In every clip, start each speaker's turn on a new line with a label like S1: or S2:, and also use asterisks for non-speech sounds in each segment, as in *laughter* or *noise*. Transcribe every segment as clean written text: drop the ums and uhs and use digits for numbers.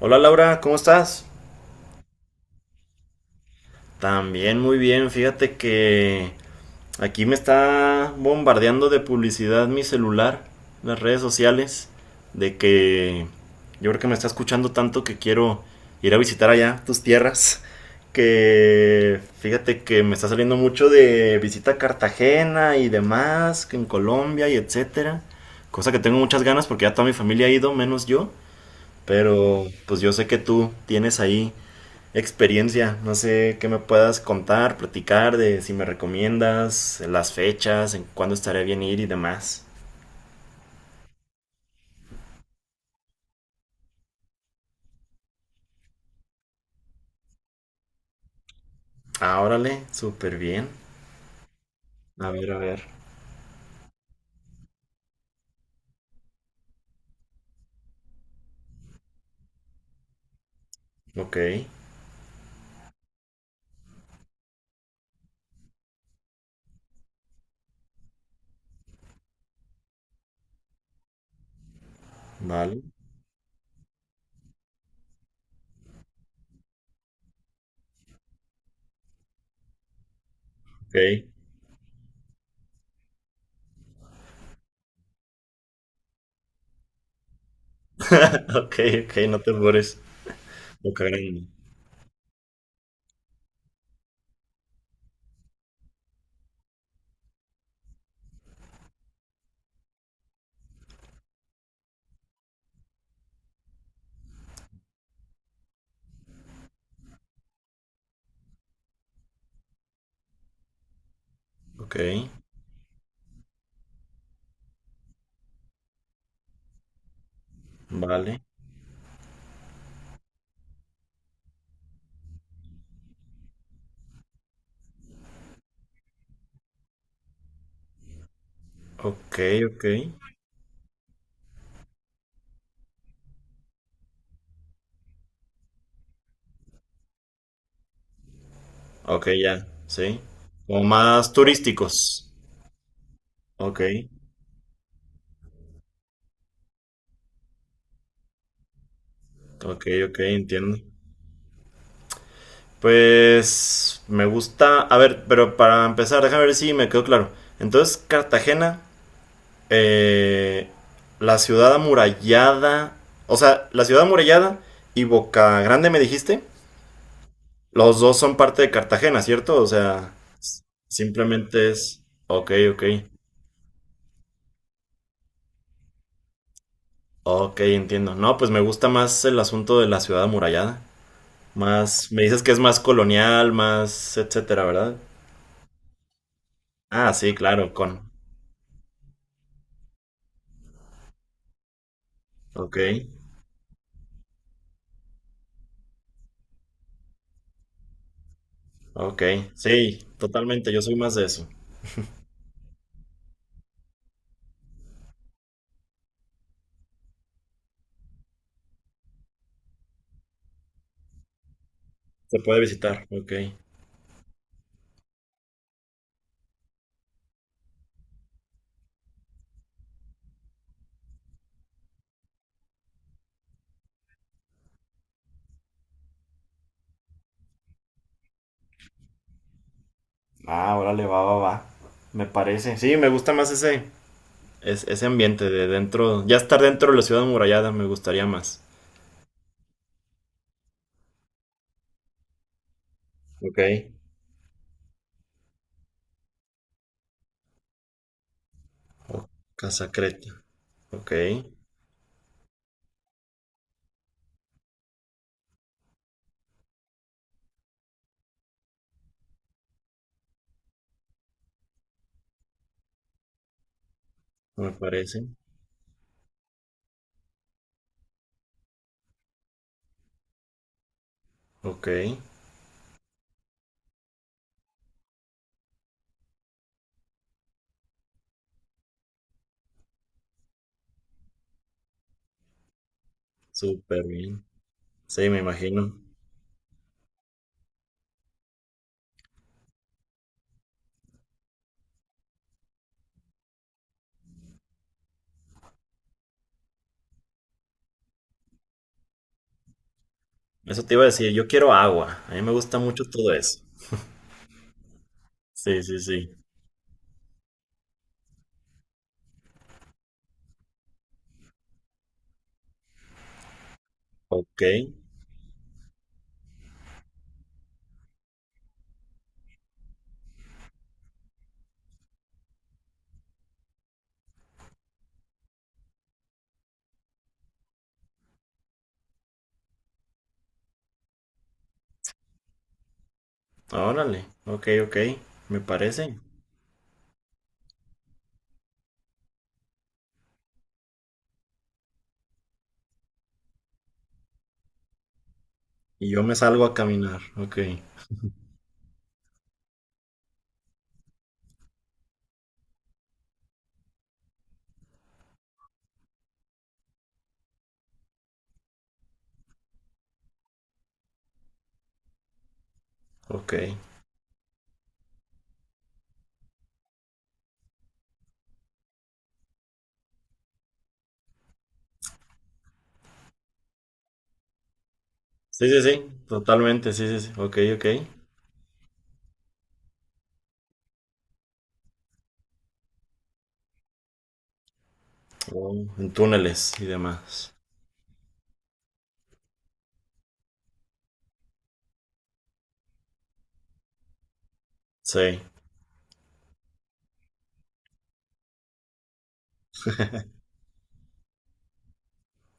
S1: Hola Laura, ¿cómo estás? También muy bien, fíjate que aquí me está bombardeando de publicidad mi celular, las redes sociales, de que yo creo que me está escuchando tanto que quiero ir a visitar allá tus tierras, que fíjate que me está saliendo mucho de visita a Cartagena y demás, que en Colombia y etcétera, cosa que tengo muchas ganas porque ya toda mi familia ha ido, menos yo, pero pues yo sé que tú tienes ahí experiencia. No sé qué me puedas contar, platicar de si me recomiendas, las fechas, en cuándo estaría bien ir y demás. Ah, órale, súper bien. A ver, a ver. Ok, vale. Ok, *laughs* ok, ok, no te borres. Boca Grande. Ok, vale. Ok, ok. Ok, ya, sí. Como más turísticos. Ok, ok, ok, entiendo. Pues me gusta. A ver, pero para empezar, déjame ver si me quedó claro. Entonces, Cartagena, eh, la ciudad amurallada, o sea, la ciudad amurallada y Boca Grande, me dijiste. Los dos son parte de Cartagena, ¿cierto? O sea, s- simplemente es. Ok, ok. Ok, entiendo. No, pues me gusta más el asunto de la ciudad amurallada. Más. Me dices que es más colonial, más etcétera, ¿verdad? Ah, sí, claro, con. Ok. Ok, sí, totalmente, yo soy más de eso. Se puede visitar, ok. Ah, órale, va, va, va. Me parece. Sí, me gusta más ese, ese ambiente de dentro, ya estar dentro de la ciudad amurallada me gustaría más. Ok. O Casa Creta. Ok, me parece. Ok, súper bien. Sí, me imagino. Eso te iba a decir, yo quiero agua. A mí me gusta mucho todo eso. Sí, sí, sí. Ok, órale. Ok, ok, me parece. Y yo me salgo a caminar. Ok. Ok. Sí, sí, sí. Totalmente, sí, sí, sí. Ok, ok. Oh, en túneles y demás. Sí.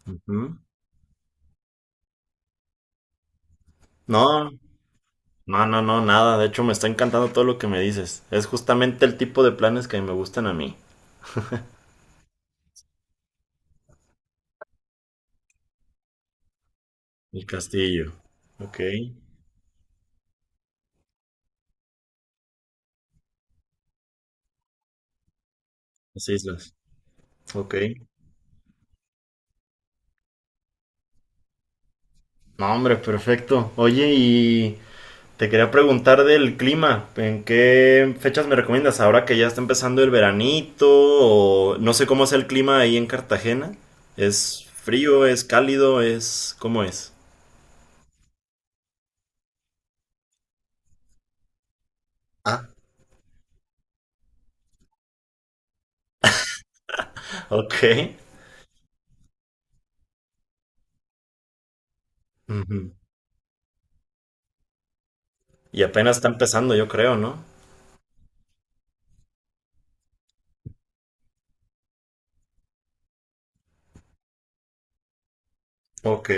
S1: Ujú. No, no, no, no, nada. De hecho, me está encantando todo lo que me dices. Es justamente el tipo de planes que me gustan a mí. El castillo. Ok. Las islas. Ok. No, hombre, perfecto. Oye, y te quería preguntar del clima, ¿en qué fechas me recomiendas? Ahora que ya está empezando el veranito, o no sé cómo es el clima ahí en Cartagena. ¿Es frío, es cálido, es... ¿Cómo es? Ah, ok. Ujú. Y apenas está empezando, yo creo, ¿no? Ok,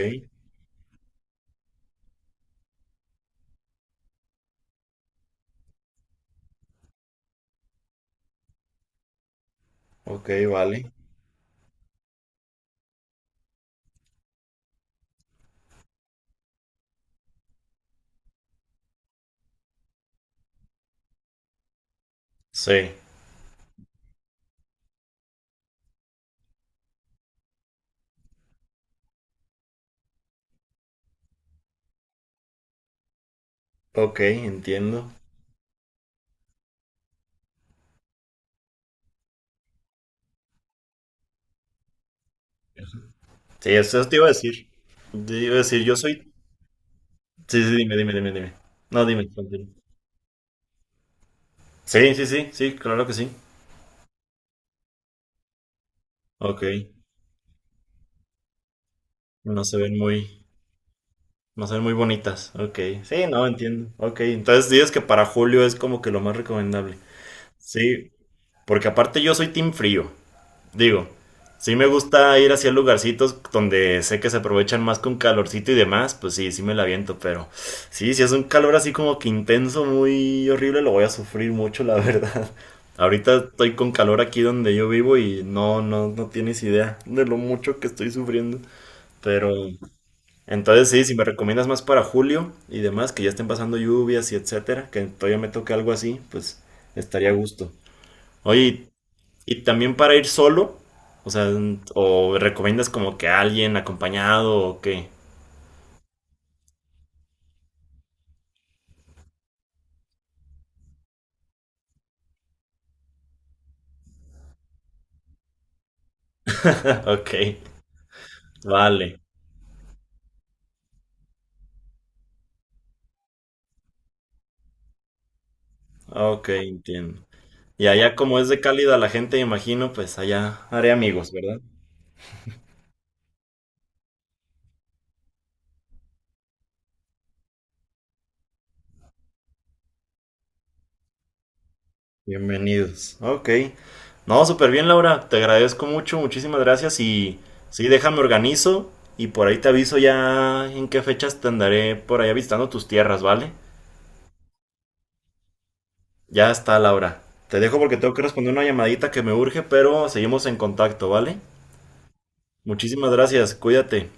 S1: ok, vale. Sí, ok, entiendo. Sí, eso te iba a decir. Te iba a decir, yo soy... Sí, sí, dime. No, dime. Continúa. Sí, sí, sí, sí, claro que sí. Ok, no se ven muy... No son muy bonitas. Ok. Sí, no, entiendo. Ok. Entonces dices que para julio es como que lo más recomendable. Sí, porque aparte yo soy team frío. Digo, sí me gusta ir hacia lugarcitos donde sé que se aprovechan más con calorcito y demás. Pues sí, sí me la aviento, pero sí, si es un calor así como que intenso, muy horrible, lo voy a sufrir mucho, la verdad. *laughs* Ahorita estoy con calor aquí donde yo vivo y no, no, no tienes idea de lo mucho que estoy sufriendo. Pero entonces, sí, si me recomiendas más para julio y demás, que ya estén pasando lluvias y etcétera, que todavía me toque algo así, pues estaría a gusto. Oye, y también para ir solo, o sea, o ¿recomiendas como que alguien acompañado o qué? *laughs* Ok, vale, ok, entiendo. Y allá como es de cálida la gente, imagino, pues allá haré amigos, ¿verdad? Bienvenidos. Ok. No, súper bien, Laura. Te agradezco mucho, muchísimas gracias. Y sí, déjame organizo y por ahí te aviso ya en qué fechas te andaré por allá visitando tus tierras, ¿vale? Ya está, Laura. Te dejo porque tengo que responder una llamadita que me urge, pero seguimos en contacto, ¿vale? Muchísimas gracias, cuídate.